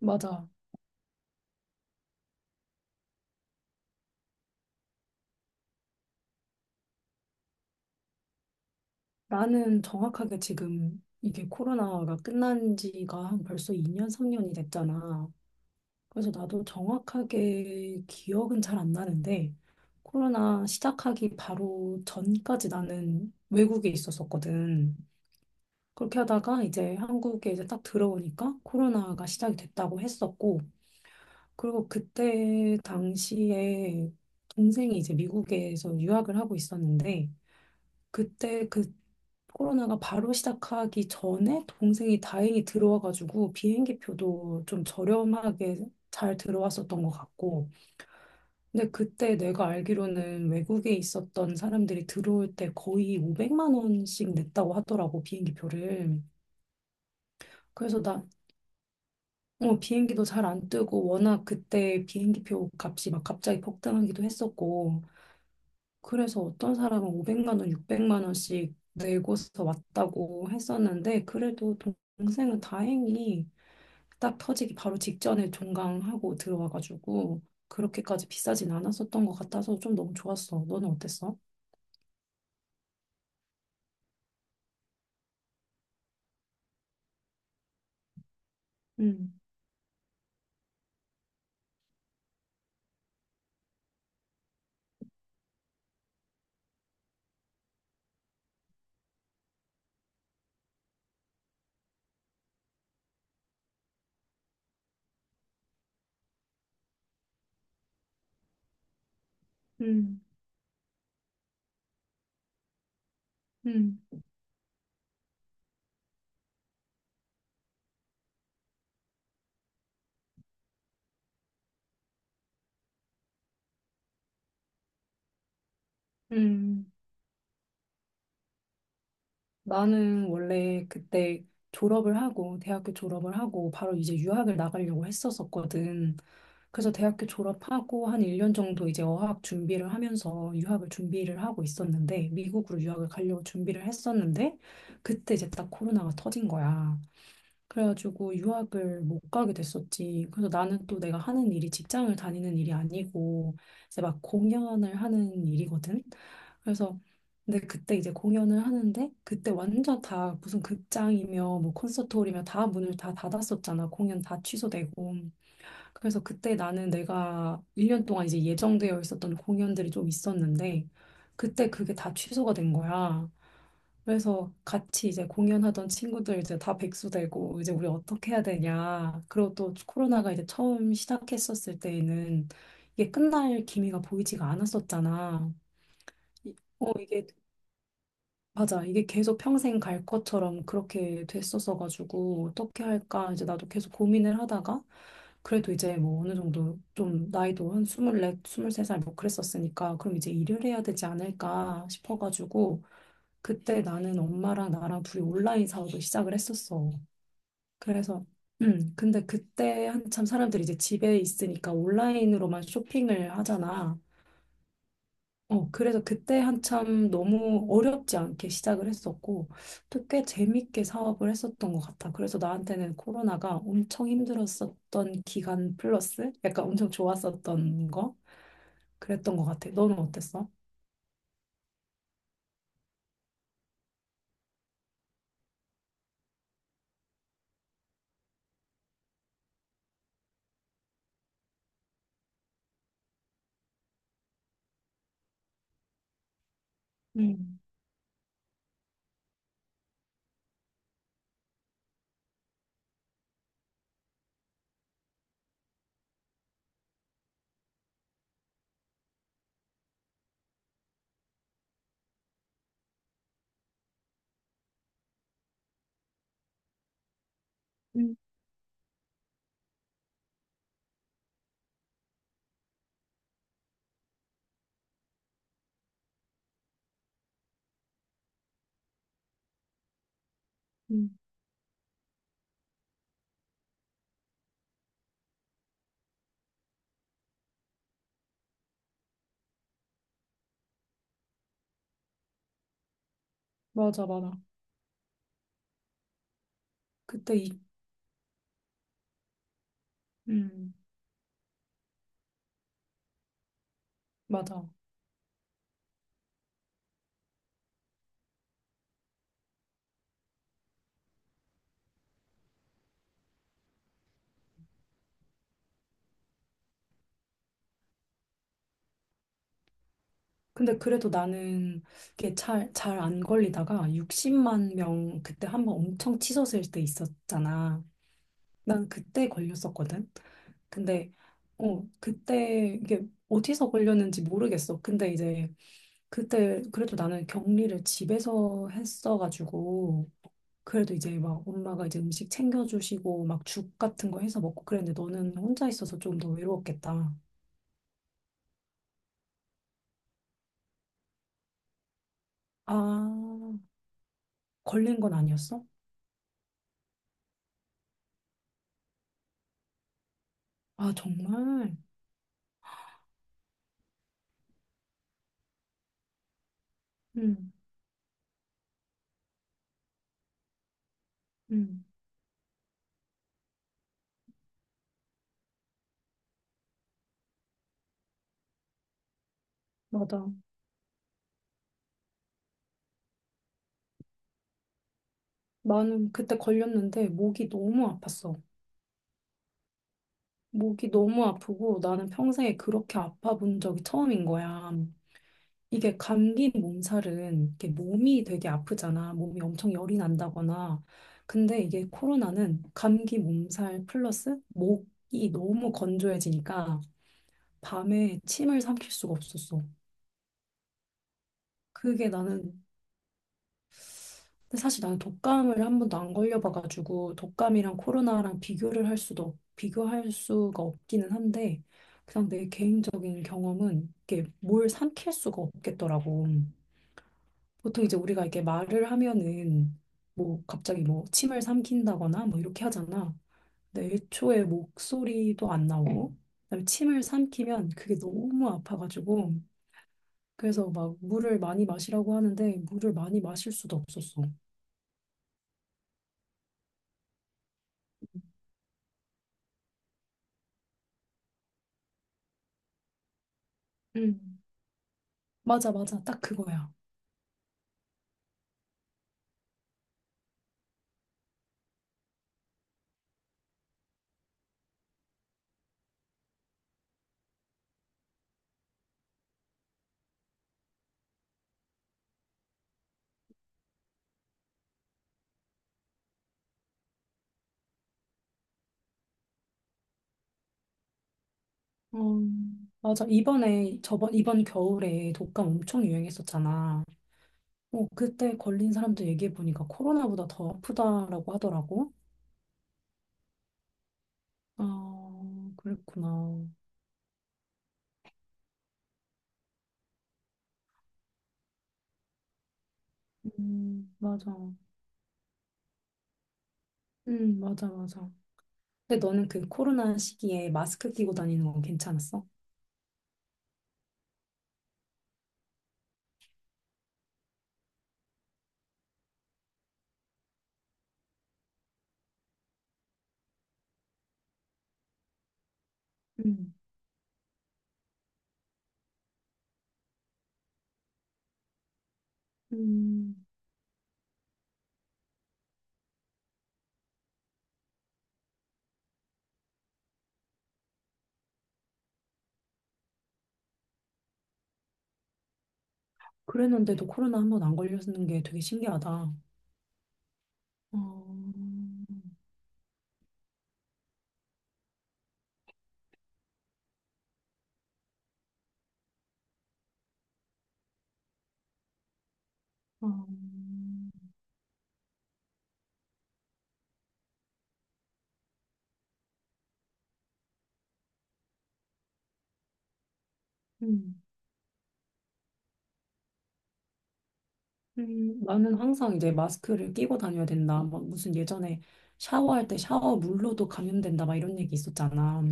맞아. 나는 정확하게 지금 이게 코로나가 끝난 지가 한 벌써 2년, 3년이 됐잖아. 그래서 나도 정확하게 기억은 잘 안 나는데, 코로나 시작하기 바로 전까지 나는 외국에 있었었거든. 그렇게 하다가 이제 한국에 이제 딱 들어오니까 코로나가 시작이 됐다고 했었고, 그리고 그때 당시에 동생이 이제 미국에서 유학을 하고 있었는데, 그때 그 코로나가 바로 시작하기 전에 동생이 다행히 들어와가지고 비행기 표도 좀 저렴하게 잘 들어왔었던 것 같고. 근데 그때 내가 알기로는 외국에 있었던 사람들이 들어올 때 거의 500만 원씩 냈다고 하더라고, 비행기 표를. 그래서 비행기도 잘 안 뜨고 워낙 그때 비행기 표 값이 막 갑자기 폭등하기도 했었고. 그래서 어떤 사람은 500만 원, 600만 원씩 내고서 왔다고 했었는데 그래도 동생은 다행히 딱 터지기 바로 직전에 종강하고 들어와가지고 그렇게까지 비싸진 않았었던 것 같아서 좀 너무 좋았어. 너는 어땠어? 음, 음, 음, 음. 나는 원래 그때 졸업을 하고, 대학교 졸업을 하고, 바로 이제 유학을 나가려고 했었었거든. 그래서 대학교 졸업하고 한 1년 정도 이제 어학 준비를 하면서 유학을 준비를 하고 있었는데, 미국으로 유학을 가려고 준비를 했었는데, 그때 이제 딱 코로나가 터진 거야. 그래가지고 유학을 못 가게 됐었지. 그래서 나는 또 내가 하는 일이 직장을 다니는 일이 아니고 이제 막 공연을 하는 일이거든. 그래서 근데 그때 이제 공연을 하는데 그때 완전 다 무슨 극장이며 뭐 콘서트홀이며 다 문을 다 닫았었잖아. 공연 다 취소되고. 그래서 그때 나는 내가 1년 동안 이제 예정되어 있었던 공연들이 좀 있었는데 그때 그게 다 취소가 된 거야. 그래서 같이 이제 공연하던 친구들 이제 다 백수 되고 이제 우리 어떻게 해야 되냐. 그리고 또 코로나가 이제 처음 시작했었을 때에는 이게 끝날 기미가 보이지가 않았었잖아. 이게 맞아. 이게 계속 평생 갈 것처럼 그렇게 됐었어 가지고 어떻게 할까 이제 나도 계속 고민을 하다가 그래도 이제 뭐 어느 정도 좀 나이도 한 24, 23살 뭐 그랬었으니까 그럼 이제 일을 해야 되지 않을까 싶어 가지고 그때 나는 엄마랑 나랑 둘이 온라인 사업을 시작을 했었어. 그래서 근데 그때 한참 사람들이 이제 집에 있으니까 온라인으로만 쇼핑을 하잖아. 어, 그래서 그때 한참 너무 어렵지 않게 시작을 했었고, 또 꽤 재밌게 사업을 했었던 것 같아. 그래서 나한테는 코로나가 엄청 힘들었었던 기간 플러스 약간 엄청 좋았었던 거? 그랬던 것 같아. 너는 어땠어? 음, 음, 음. 맞아, 맞아. 그때 음, 맞아. 근데 그래도 나는 이게 잘 안 걸리다가 60만 명 그때 한번 엄청 치솟을 때 있었잖아. 난 그때 걸렸었거든. 근데 그때 이게 어디서 걸렸는지 모르겠어. 근데 이제 그때 그래도 나는 격리를 집에서 했어가지고 그래도 이제 막 엄마가 이제 음식 챙겨주시고 막 죽 같은 거 해서 먹고 그랬는데 너는 혼자 있어서 좀 더 외로웠겠다. 아, 걸린 건 아니었어? 아, 정말? 응, 응, 맞아. 나는 그때 걸렸는데 목이 너무 아팠어. 목이 너무 아프고 나는 평생에 그렇게 아파 본 적이 처음인 거야. 이게 감기 몸살은 이게 몸이 되게 아프잖아. 몸이 엄청 열이 난다거나. 근데 이게 코로나는 감기 몸살 플러스 목이 너무 건조해지니까 밤에 침을 삼킬 수가 없었어. 그게 나는, 근데 사실 나는 독감을 한 번도 안 걸려봐가지고 독감이랑 코로나랑 비교를 할 수도, 비교할 수가 없기는 한데 그냥 내 개인적인 경험은 이게 뭘 삼킬 수가 없겠더라고. 보통 이제 우리가 이렇게 말을 하면은 뭐 갑자기 뭐 침을 삼킨다거나 뭐 이렇게 하잖아. 근데 애초에 목소리도 안 나오고 그다음에 침을 삼키면 그게 너무 아파가지고 그래서 막 물을 많이 마시라고 하는데 물을 많이 마실 수도 없었어. 음. 맞아, 맞아. 딱 그거야. 어, 맞아. 이번에 저번 이번 겨울에 독감 엄청 유행했었잖아. 어, 그때 걸린 사람들 얘기해 보니까 코로나보다 더 아프다라고 하더라고. 아, 그랬구나. 맞아. 맞아, 맞아. 근데 너는 그 코로나 시기에 마스크 끼고 다니는 건 괜찮았어? 음. 음, 그랬는데도 코로나 한번 안 걸렸는 게 되게 신기하다. 어, 어, 음, 나는 항상 이제 마스크를 끼고 다녀야 된다. 막 무슨 예전에 샤워할 때 샤워 물로도 감염된다. 막 이런 얘기 있었잖아.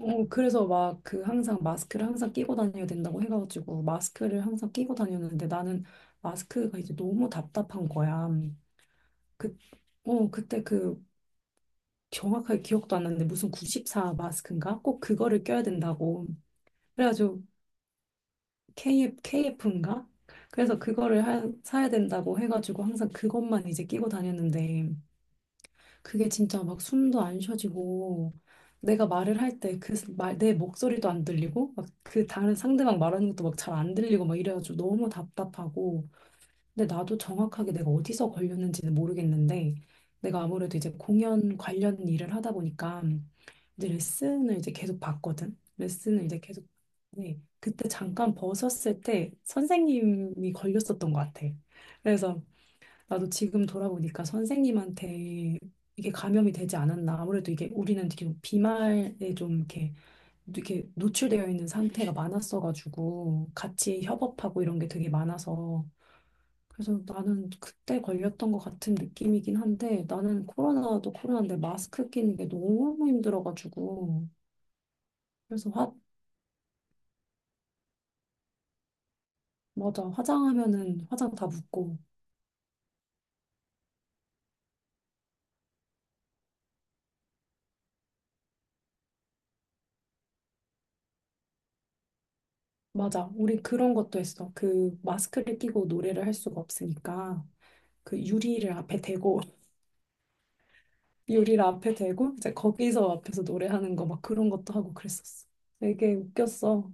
어, 그래서 막 그 항상 마스크를 항상 끼고 다녀야 된다고 해가지고 마스크를 항상 끼고 다녔는데 나는 마스크가 이제 너무 답답한 거야. 그, 그때 그 정확하게 기억도 안 나는데 무슨 94 마스크인가? 꼭 그거를 껴야 된다고. 그래가지고 KF인가? 그래서 그거를 사야 된다고 해가지고 항상 그것만 이제 끼고 다녔는데 그게 진짜 막 숨도 안 쉬어지고 내가 말을 할 때 그 말 내 목소리도 안 들리고 막 그 다른 상대방 말하는 것도 막 잘 안 들리고 막 이래가지고 너무 답답하고 근데 나도 정확하게 내가 어디서 걸렸는지는 모르겠는데 내가 아무래도 이제 공연 관련 일을 하다 보니까 이제 레슨을 이제 계속 받거든. 레슨을 이제 계속 네, 그때 잠깐 벗었을 때 선생님이 걸렸었던 것 같아. 그래서 나도 지금 돌아보니까 선생님한테 이게 감염이 되지 않았나. 아무래도 이게 우리는 되게 비말에 좀 이렇게, 이렇게 노출되어 있는 상태가 많았어가지고 같이 협업하고 이런 게 되게 많아서 그래서 나는 그때 걸렸던 것 같은 느낌이긴 한데 나는 코로나도 코로나인데 마스크 끼는 게 너무 힘들어가지고 그래서 맞아. 화장하면은 화장 다 묻고. 맞아. 우리 그런 것도 했어. 그 마스크를 끼고 노래를 할 수가 없으니까. 그 유리를 앞에 대고 유리를 앞에 대고 이제 거기서 앞에서 노래하는 거 막 그런 것도 하고 그랬었어. 되게 웃겼어.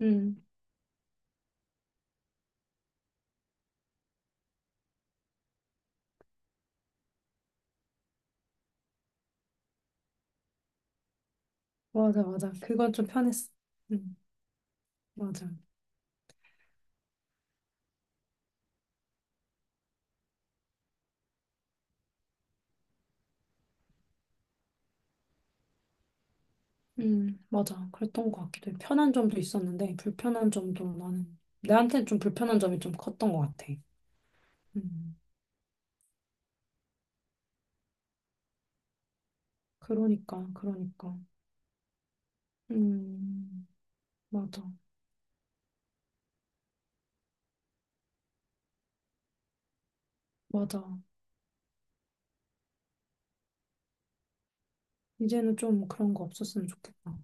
응, 맞아, 맞아. 그건 좀 편했어. 응, 맞아. 응, 맞아. 그랬던 것 같기도 해. 편한 점도 있었는데 불편한 점도 나는 나한테는 좀 불편한 점이 좀 컸던 것 같아. 음, 그러니까, 그러니까. 음, 맞아, 맞아. 이제는 좀 그런 거 없었으면 좋겠다.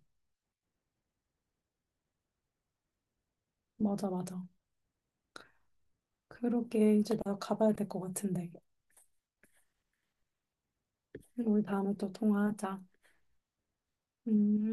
맞아, 맞아. 그러게 이제 나 가봐야 될 것 같은데. 우리 다음에 또 통화하자. 음.